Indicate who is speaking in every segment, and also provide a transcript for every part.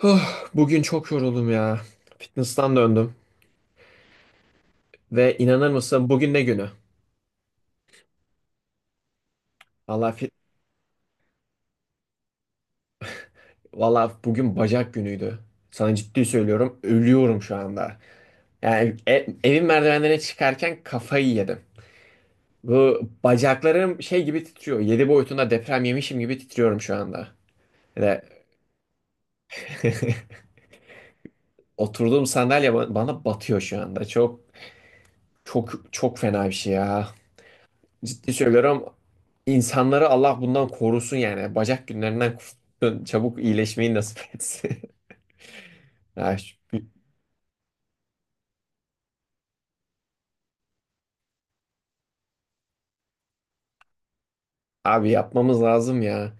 Speaker 1: Huh, bugün çok yoruldum ya. Fitness'tan döndüm ve inanır mısın bugün ne günü? Valla fit, valla bugün bacak günüydü. Sana ciddi söylüyorum, ölüyorum şu anda. Yani evin merdivenlerine çıkarken kafayı yedim. Bu bacaklarım şey gibi titriyor. 7 boyutunda deprem yemişim gibi titriyorum şu anda. Ve oturduğum sandalye bana batıyor şu anda. Çok çok çok fena bir şey ya. Ciddi söylüyorum. İnsanları Allah bundan korusun yani. Bacak günlerinden korusun. Çabuk iyileşmeyi nasip etsin. Ya şu- Abi yapmamız lazım ya.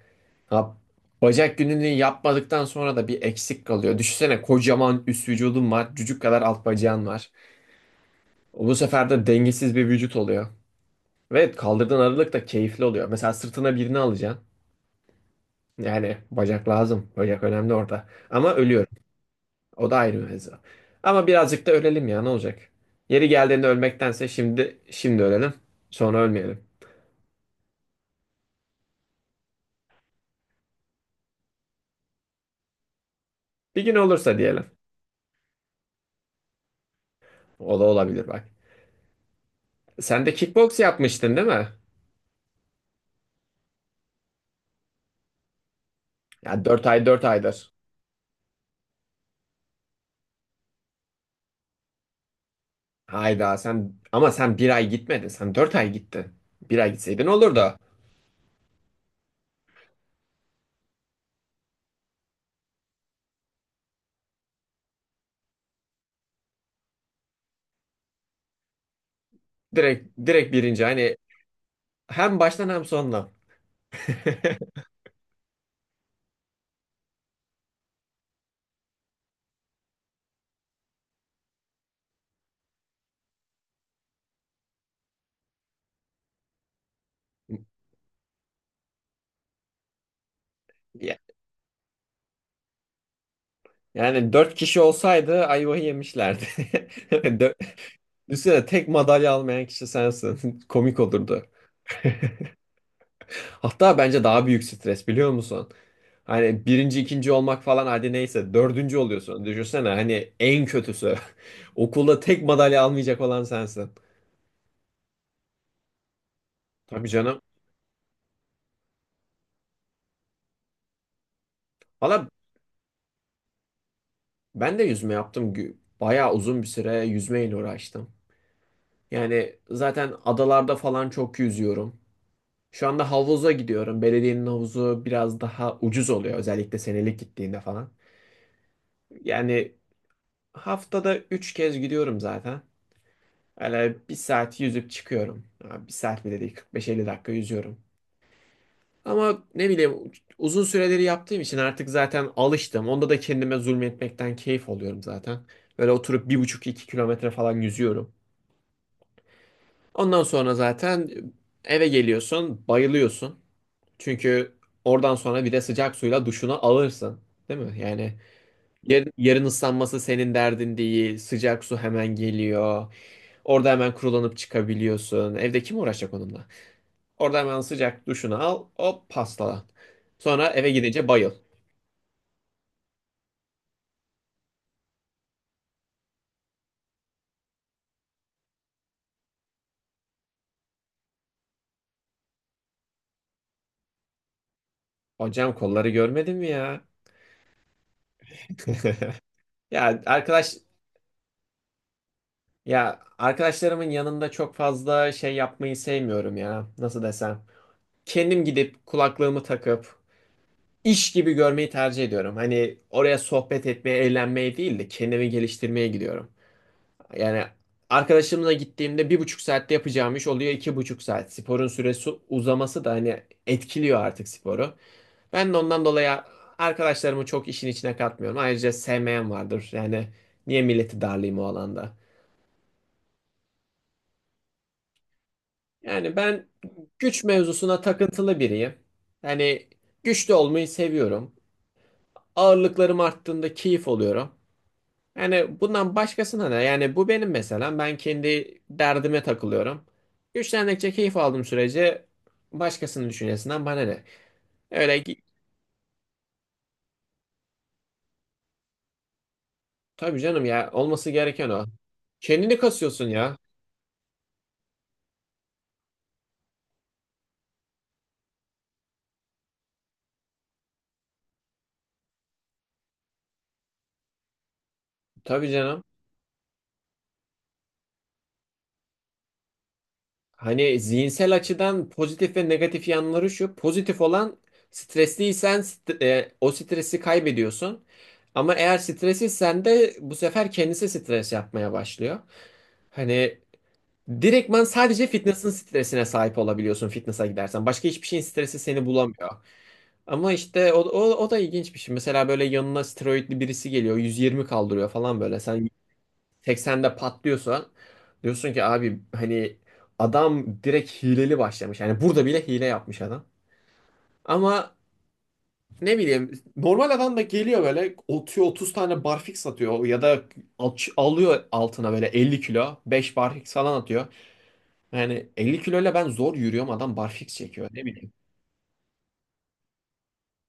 Speaker 1: Ha, bacak gününü yapmadıktan sonra da bir eksik kalıyor. Düşünsene kocaman üst vücudun var. Cücük kadar alt bacağın var. Bu sefer de dengesiz bir vücut oluyor. Ve kaldırdığın ağırlık da keyifli oluyor. Mesela sırtına birini alacaksın. Yani bacak lazım. Bacak önemli orada. Ama ölüyor. O da ayrı mevzu. Ama birazcık da ölelim ya, ne olacak? Yeri geldiğinde ölmektense şimdi şimdi ölelim. Sonra ölmeyelim. Bir gün olursa diyelim. O da olabilir bak. Sen de kickbox yapmıştın değil mi? Ya dört ay dört aydır. Hayda sen, ama sen bir ay gitmedin. Sen 4 ay gittin. Bir ay gitseydin olur da. Direkt direkt birinci, hani hem baştan hem sondan. Ya- Yani 4 kişi olsaydı ayvayı yemişlerdi. Dö- Düşünsene, tek madalya almayan kişi sensin. Komik olurdu. Hatta bence daha büyük stres, biliyor musun? Hani birinci, ikinci olmak falan, hadi neyse, dördüncü oluyorsun. Düşünsene hani, en kötüsü. Okulda tek madalya almayacak olan sensin. Tabii canım. Valla ben de yüzme yaptım. Bayağı uzun bir süre yüzmeyle uğraştım. Yani zaten adalarda falan çok yüzüyorum. Şu anda havuza gidiyorum. Belediyenin havuzu biraz daha ucuz oluyor. Özellikle senelik gittiğinde falan. Yani haftada üç kez gidiyorum zaten. Hani bir saat yüzüp çıkıyorum. Ha, bir saat bile değil, 45-50 dakika yüzüyorum. Ama ne bileyim, uzun süreleri yaptığım için artık zaten alıştım. Onda da kendime zulmetmekten keyif alıyorum zaten. Böyle oturup bir buçuk iki kilometre falan yüzüyorum. Ondan sonra zaten eve geliyorsun, bayılıyorsun. Çünkü oradan sonra bir de sıcak suyla duşunu alırsın. Değil mi? Yani yarın ıslanması senin derdin değil. Sıcak su hemen geliyor. Orada hemen kurulanıp çıkabiliyorsun. Evde kim uğraşacak onunla? Orada hemen sıcak duşunu al. Hop, pastalan. Sonra eve gidince bayıl. Hocam, kolları görmedin mi ya? Ya arkadaş, ya arkadaşlarımın yanında çok fazla şey yapmayı sevmiyorum ya. Nasıl desem? Kendim gidip kulaklığımı takıp iş gibi görmeyi tercih ediyorum. Hani oraya sohbet etmeye, eğlenmeye değil de kendimi geliştirmeye gidiyorum. Yani arkadaşımla gittiğimde 1,5 saatte yapacağım iş oluyor 2,5 saat. Sporun süresi uzaması da hani etkiliyor artık sporu. Ben de ondan dolayı arkadaşlarımı çok işin içine katmıyorum. Ayrıca sevmeyen vardır. Yani niye milleti darlayayım o alanda? Yani ben güç mevzusuna takıntılı biriyim. Yani güçlü olmayı seviyorum. Ağırlıklarım arttığında keyif oluyorum. Yani bundan başkasına ne? Yani bu benim mesela. Ben kendi derdime takılıyorum. Güçlendikçe keyif aldığım sürece başkasının düşüncesinden bana ne? Öyle ki- tabii canım ya, olması gereken o. Kendini kasıyorsun ya. Tabii canım. Hani zihinsel açıdan pozitif ve negatif yanları şu. Pozitif olan, stresliysen o stresi kaybediyorsun. Ama eğer stresliysen de bu sefer kendisi stres yapmaya başlıyor. Hani direktman sadece fitness'ın stresine sahip olabiliyorsun fitness'a gidersen. Başka hiçbir şeyin stresi seni bulamıyor. Ama işte o da ilginç bir şey. Mesela böyle yanına steroidli birisi geliyor, 120 kaldırıyor falan böyle. Sen 80'de patlıyorsa diyorsun ki abi, hani adam direkt hileli başlamış. Yani burada bile hile yapmış adam. Ama ne bileyim, normal adam da geliyor, böyle atıyor 30 tane barfix atıyor ya da alıyor altına böyle 50 kilo 5 barfix falan atıyor. Yani 50 kiloyla ben zor yürüyorum, adam barfix çekiyor, ne bileyim.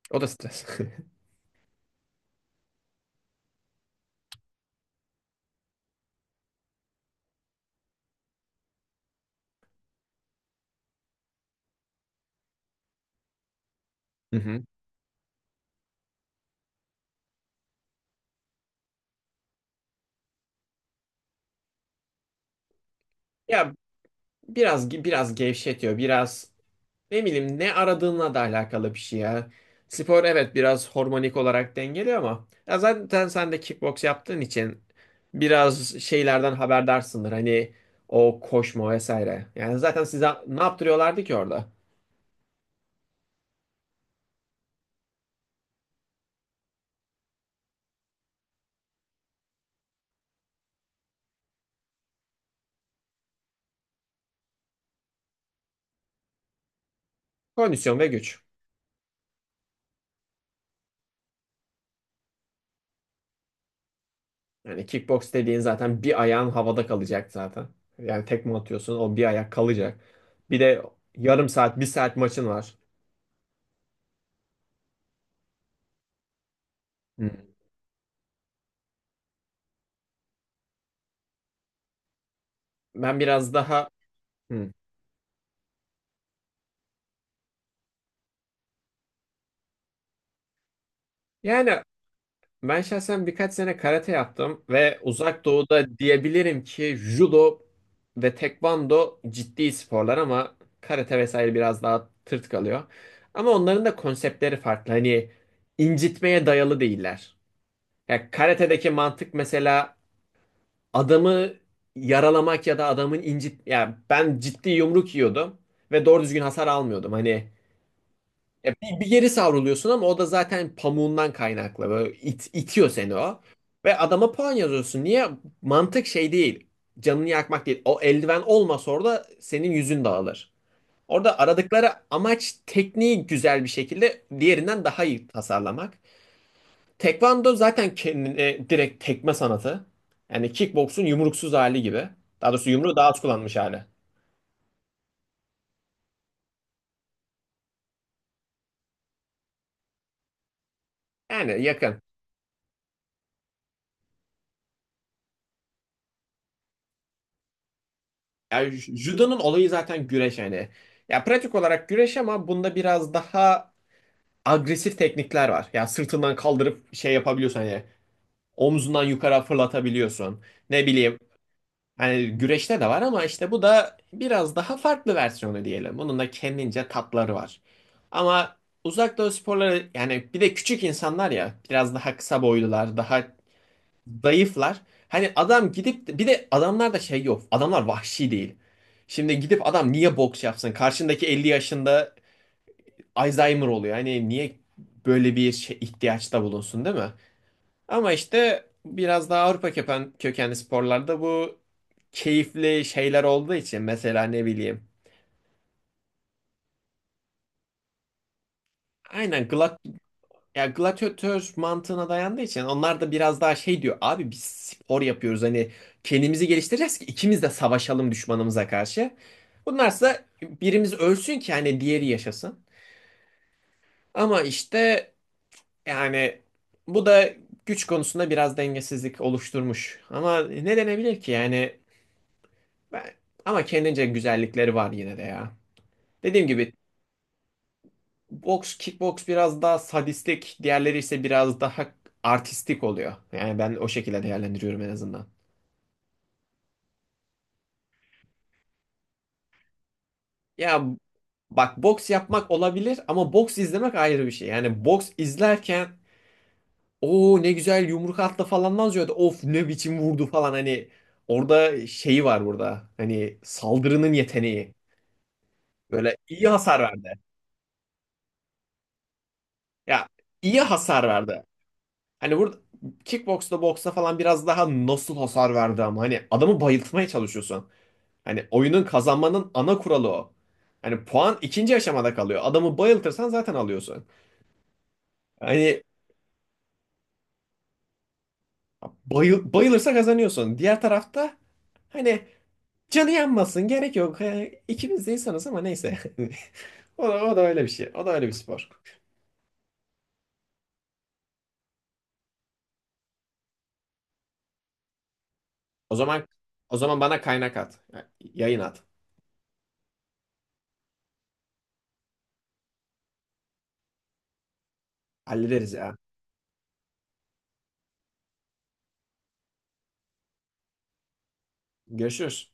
Speaker 1: O da stres. Hı hı. Ya biraz gevşetiyor biraz. Ne bileyim, ne aradığınla da alakalı bir şey ya. Spor evet biraz hormonik olarak dengeliyor ama ya zaten sen de kickbox yaptığın için biraz şeylerden haberdarsındır. Hani o koşma vesaire. Yani zaten size ne yaptırıyorlardı ki orada? Kondisyon ve güç. Yani kickbox dediğin, zaten bir ayağın havada kalacak zaten. Yani tekme atıyorsun, o bir ayak kalacak. Bir de yarım saat bir saat maçın var. Hmm. Ben biraz daha. Hmm. Yani ben şahsen birkaç sene karate yaptım ve Uzak Doğu'da diyebilirim ki judo ve tekvando ciddi sporlar ama karate vesaire biraz daha tırt kalıyor. Ama onların da konseptleri farklı. Hani incitmeye dayalı değiller. Ya karate'deki mantık mesela, adamı yaralamak ya da adamın incit, ya ben ciddi yumruk yiyordum ve doğru düzgün hasar almıyordum. Hani ya bir geri savruluyorsun ama o da zaten pamuğundan kaynaklı. Böyle itiyor seni o. Ve adama puan yazıyorsun. Niye? Mantık şey değil. Canını yakmak değil. O eldiven olmasa orada senin yüzün dağılır. Orada aradıkları amaç, tekniği güzel bir şekilde diğerinden daha iyi tasarlamak. Tekvando zaten kendine direkt tekme sanatı. Yani kickboksun yumruksuz hali gibi. Daha doğrusu yumruğu daha az kullanmış hali. Yani yakın. Yani judo'nun olayı zaten güreş yani. Ya pratik olarak güreş ama bunda biraz daha agresif teknikler var. Ya sırtından kaldırıp şey yapabiliyorsun, hani omzundan yukarı fırlatabiliyorsun. Ne bileyim, hani güreşte de var ama işte bu da biraz daha farklı versiyonu diyelim. Bunun da kendince tatları var. Ama uzak doğu sporları yani, bir de küçük insanlar, ya biraz daha kısa boylular, daha zayıflar. Hani adam gidip de- bir de adamlar da şey yok. Adamlar vahşi değil. Şimdi gidip adam niye boks yapsın? Karşındaki 50 yaşında Alzheimer oluyor. Hani niye böyle bir şey, ihtiyaçta bulunsun değil mi? Ama işte biraz daha Avrupa kökenli sporlarda bu keyifli şeyler olduğu için mesela, ne bileyim. Aynen. Ya gladyatör mantığına dayandığı için onlar da biraz daha şey diyor. Abi biz spor yapıyoruz, hani kendimizi geliştireceğiz ki ikimiz de savaşalım düşmanımıza karşı. Bunlarsa birimiz ölsün ki hani diğeri yaşasın. Ama işte yani, bu da güç konusunda biraz dengesizlik oluşturmuş. Ama ne denebilir ki yani, ben, ama kendince güzellikleri var yine de ya. Dediğim gibi, boks, kickboks biraz daha sadistik, diğerleri ise biraz daha artistik oluyor. Yani ben o şekilde değerlendiriyorum en azından. Ya bak, boks yapmak olabilir ama boks izlemek ayrı bir şey. Yani boks izlerken o ne güzel yumruk attı falan yazıyor da of ne biçim vurdu falan, hani orada şeyi var burada. Hani saldırının yeteneği. Böyle iyi hasar verdi. Ya iyi hasar verdi. Hani burada kickboksta, boksta falan biraz daha nasıl hasar verdi, ama hani adamı bayıltmaya çalışıyorsun. Hani oyunun, kazanmanın ana kuralı o. Hani puan ikinci aşamada kalıyor. Adamı bayıltırsan zaten alıyorsun. Hani bayılırsa kazanıyorsun. Diğer tarafta hani canı yanmasın, gerek yok. He, İkimiz de insanız ama neyse. O da, o da öyle bir şey. O da öyle bir spor. O zaman o zaman bana kaynak at. Yayın at. Hallederiz ya. Görüşürüz.